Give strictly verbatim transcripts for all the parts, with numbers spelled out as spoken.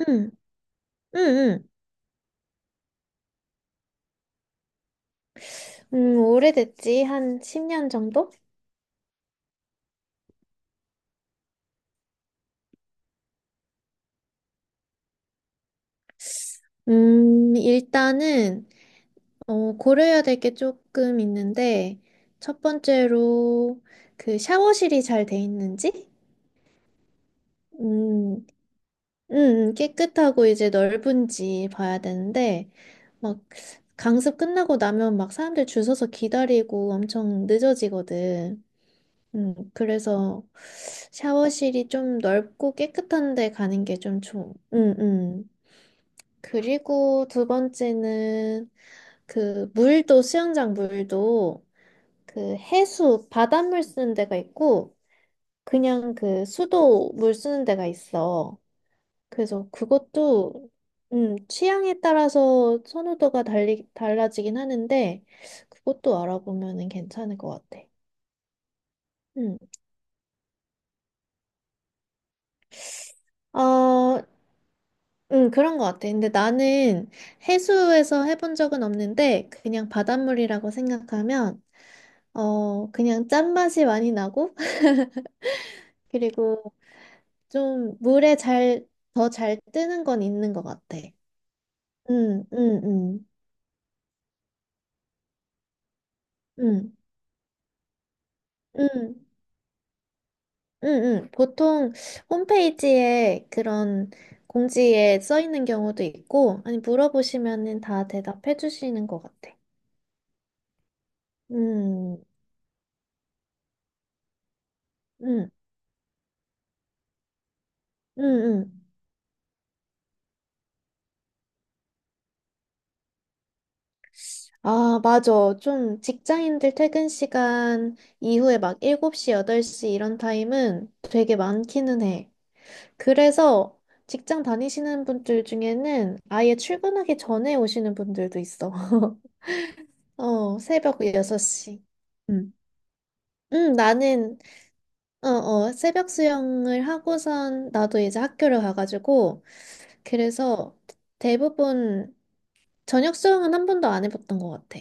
응, 응, 응. 음, 오래됐지? 한 십 년 정도? 음, 일단은, 어, 고려해야 될 게 조금 있는데, 첫 번째로, 그 샤워실이 잘 돼 있는지? 음, 음, 음, 깨끗하고 이제 넓은지 봐야 되는데, 막, 강습 끝나고 나면 막 사람들 줄 서서 기다리고 엄청 늦어지거든. 음, 그래서 샤워실이 좀 넓고 깨끗한 데 가는 게 좀 좋, 응, 응. 그리고 두 번째는 그 물도 수영장 물도 그 해수 바닷물 쓰는 데가 있고 그냥 그 수도 물 쓰는 데가 있어. 그래서 그것도 음, 취향에 따라서 선호도가 달리, 달라지긴 하는데 그것도 알아보면은 괜찮을 것 같아. 음. 어, 음, 그런 것 같아. 근데 나는 해수에서 해본 적은 없는데 그냥 바닷물이라고 생각하면 어, 그냥 짠맛이 많이 나고, 그리고 좀 물에 잘, 더 잘 뜨는 건 있는 것 같아. 응, 응, 응, 응, 응, 응, 응. 보통 홈페이지에 그런 공지에 써 있는 경우도 있고, 아니, 물어보시면은 다 대답해 주시는 것 같아. 음, 음, 음, 음. 아, 맞아. 좀 직장인들 퇴근 시간 이후에 막 일곱 시, 여덟 시 이런 타임은 되게 많기는 해. 그래서 직장 다니시는 분들 중에는 아예 출근하기 전에 오시는 분들도 있어. 어, 새벽 여섯 시. 음. 응, 나는, 어, 어, 새벽 수영을 하고선 나도 이제 학교를 가가지고, 그래서 대부분 저녁 수영은 한 번도 안 해봤던 것 같아.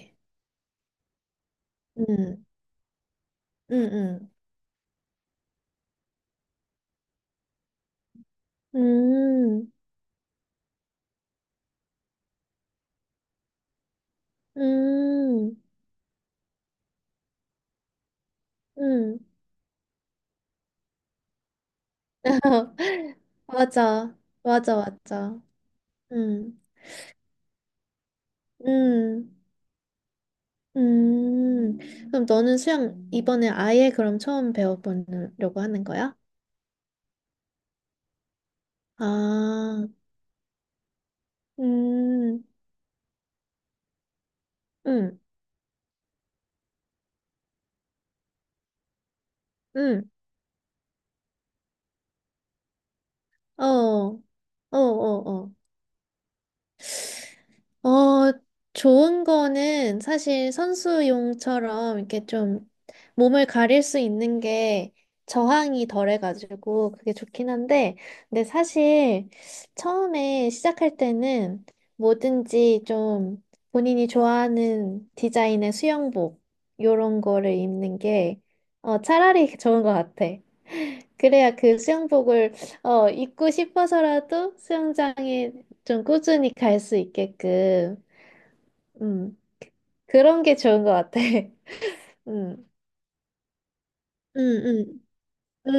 응, 응, 응. 음, 음, 음. 맞아, 맞아, 맞아. 응, 응. 음, 그럼 너는 수영 이번에 아예 그럼 처음 배워보려고 하는 거야? 아, 음, 음, 음, 어, 어, 어, 어. 어, 좋은 거는 사실 선수용처럼 이렇게 좀 몸을 가릴 수 있는 게 저항이 덜해가지고 그게 좋긴 한데, 근데 사실 처음에 시작할 때는 뭐든지 좀 본인이 좋아하는 디자인의 수영복, 요런 거를 입는 게 어, 차라리 좋은 것 같아. 그래야 그 수영복을 어, 입고 싶어서라도 수영장에 좀 꾸준히 갈 수 있게끔 음. 그런 게 좋은 것 같아. 음. 응, 음.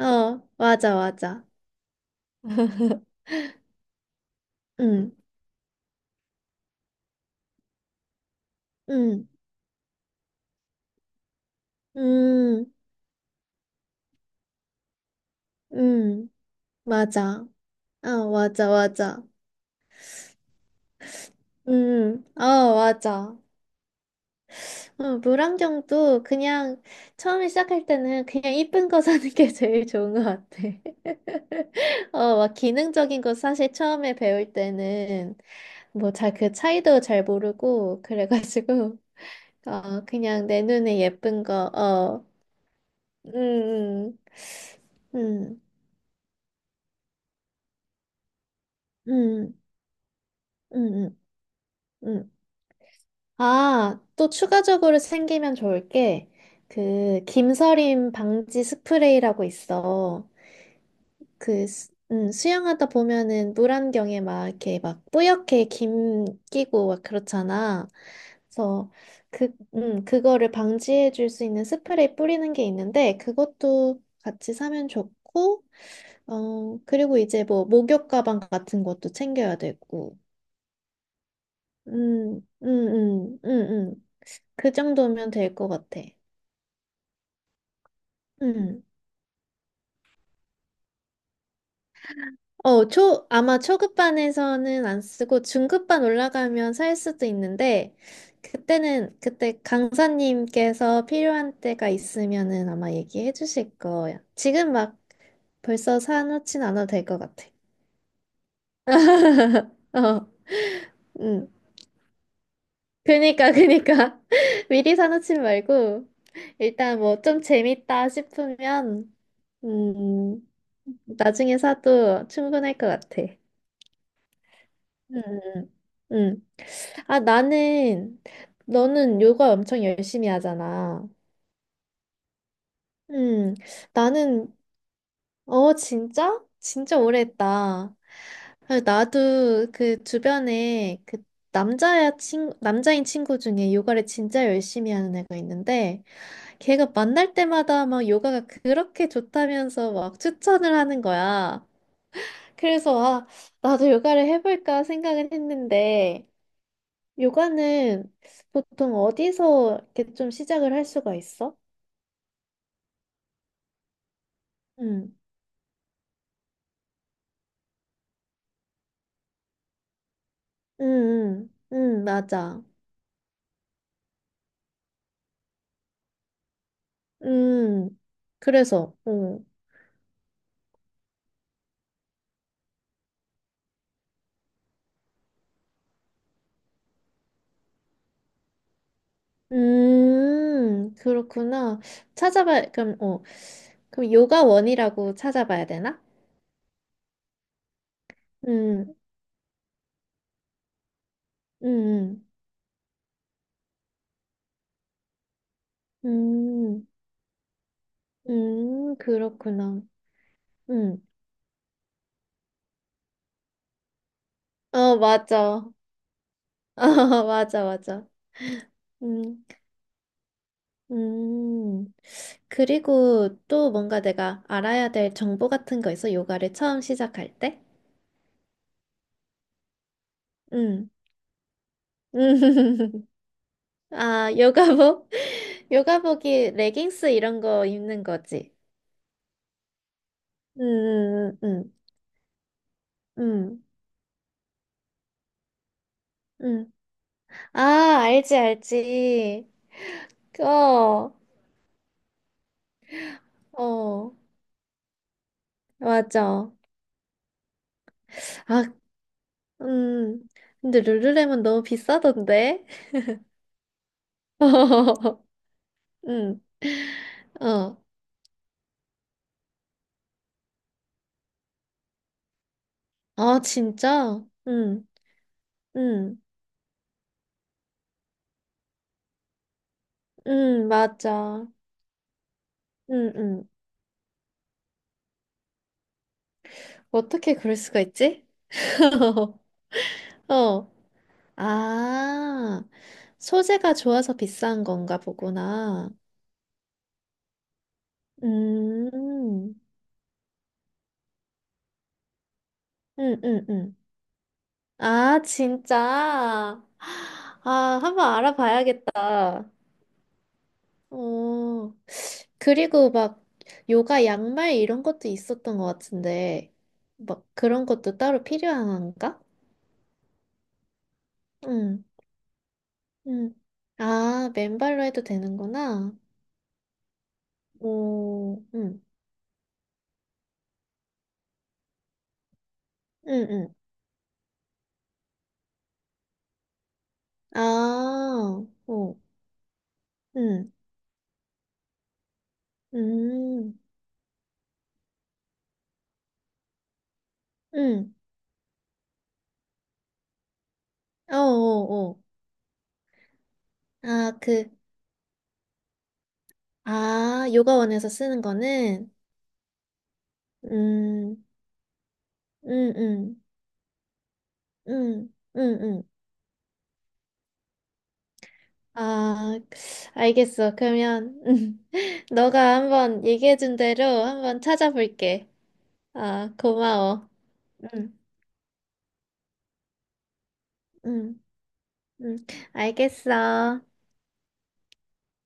음. 어, 맞아, 맞아. 응, 응, 응, 응, 맞아. 어, 맞아, 맞아. 응, 어, 맞아. 어, 물안경도 그냥 처음에 시작할 때는 그냥 이쁜 거 사는 게 제일 좋은 것 같아. 어, 막 기능적인 거 사실 처음에 배울 때는 뭐 잘 그 차이도 잘 모르고 그래가지고 어, 그냥 내 눈에 예쁜 거, 어, 음, 음, 음, 음, 음, 음. 음. 아, 또 추가적으로 생기면 좋을 게, 그, 김서림 방지 스프레이라고 있어. 그, 수- 음, 수영하다 보면은 물안경에 막 이렇게 막 뿌옇게 김 끼고 막 그렇잖아. 그래서 그, 음, 그거를 방지해 줄 수 있는 스프레이 뿌리는 게 있는데, 그것도 같이 사면 좋고, 어, 그리고 이제 뭐 목욕 가방 같은 것도 챙겨야 되고. 음, 음, 음, 음, 음. 그 정도면 될 것 같아. 음. 어, 초, 아마 초급반에서는 안 쓰고 중급반 올라가면 살 수도 있는데, 그때는, 그때 강사님께서 필요한 때가 있으면은 아마 얘기해 주실 거야. 지금 막 벌써 사놓진 않아도 될 것 같아. 어, 음. 그니까, 그니까. 미리 사놓지 말고, 일단 뭐 좀 재밌다 싶으면, 음, 나중에 사도 충분할 것 같아. 음, 음. 음. 아, 나는, 너는 요가 엄청 열심히 하잖아. 음, 나는, 어, 진짜? 진짜 오래 했다. 아, 나도 그 주변에 그 남자 친 남자인 친구 중에 요가를 진짜 열심히 하는 애가 있는데, 걔가 만날 때마다 막 요가가 그렇게 좋다면서 막 추천을 하는 거야. 그래서 아, 나도 요가를 해볼까 생각은 했는데 요가는 보통 어디서 이렇게 좀 시작을 할 수가 있어? 응, 응, 응, 응, 맞아. 음, 그래서, 어. 음, 그렇구나. 찾아봐, 그럼, 어. 그럼 요가원이라고 찾아봐야 되나? 음, 음, 음. 음. 음, 그렇구나. 음. 어, 맞아. 어 맞아, 맞아. 음, 음. 그리고 또 뭔가 내가 알아야 될 정보 같은 거 있어? 요가를 처음 시작할 때? 음. 음. 아, 요가복? 요가복이 레깅스 이런 거 입는 거지. 음, 음, 음, 음. 아, 알지, 알지. 어, 어, 맞아. 아, 음, 근데 룰루렘은 너무 비싸던데? 응, 어. 아, 진짜? 응, 응, 응, 맞아. 응, 응. 어떻게 그럴 수가 있지? 어. 아, 소재가 좋아서 비싼 건가 보구나. 음, 응, 응, 응. 아, 진짜? 아, 한번 알아봐야겠다. 어. 그리고 막 요가 양말 이런 것도 있었던 것 같은데 막 그런 것도 따로 필요한가? 응, 응. 아, 맨발로 해도 되는구나. 오, 응, 응, 응. 아, 오, 응, 음, 응. 어, 어, 어. 아, 그, 아, 요가원에서 쓰는 거는, 음, 음, 음, 음, 음, 음. 아, 알겠어. 그러면 너가 한번 얘기해준 대로 한번 찾아볼게. 아, 고마워. 응, 응, 응. 알겠어.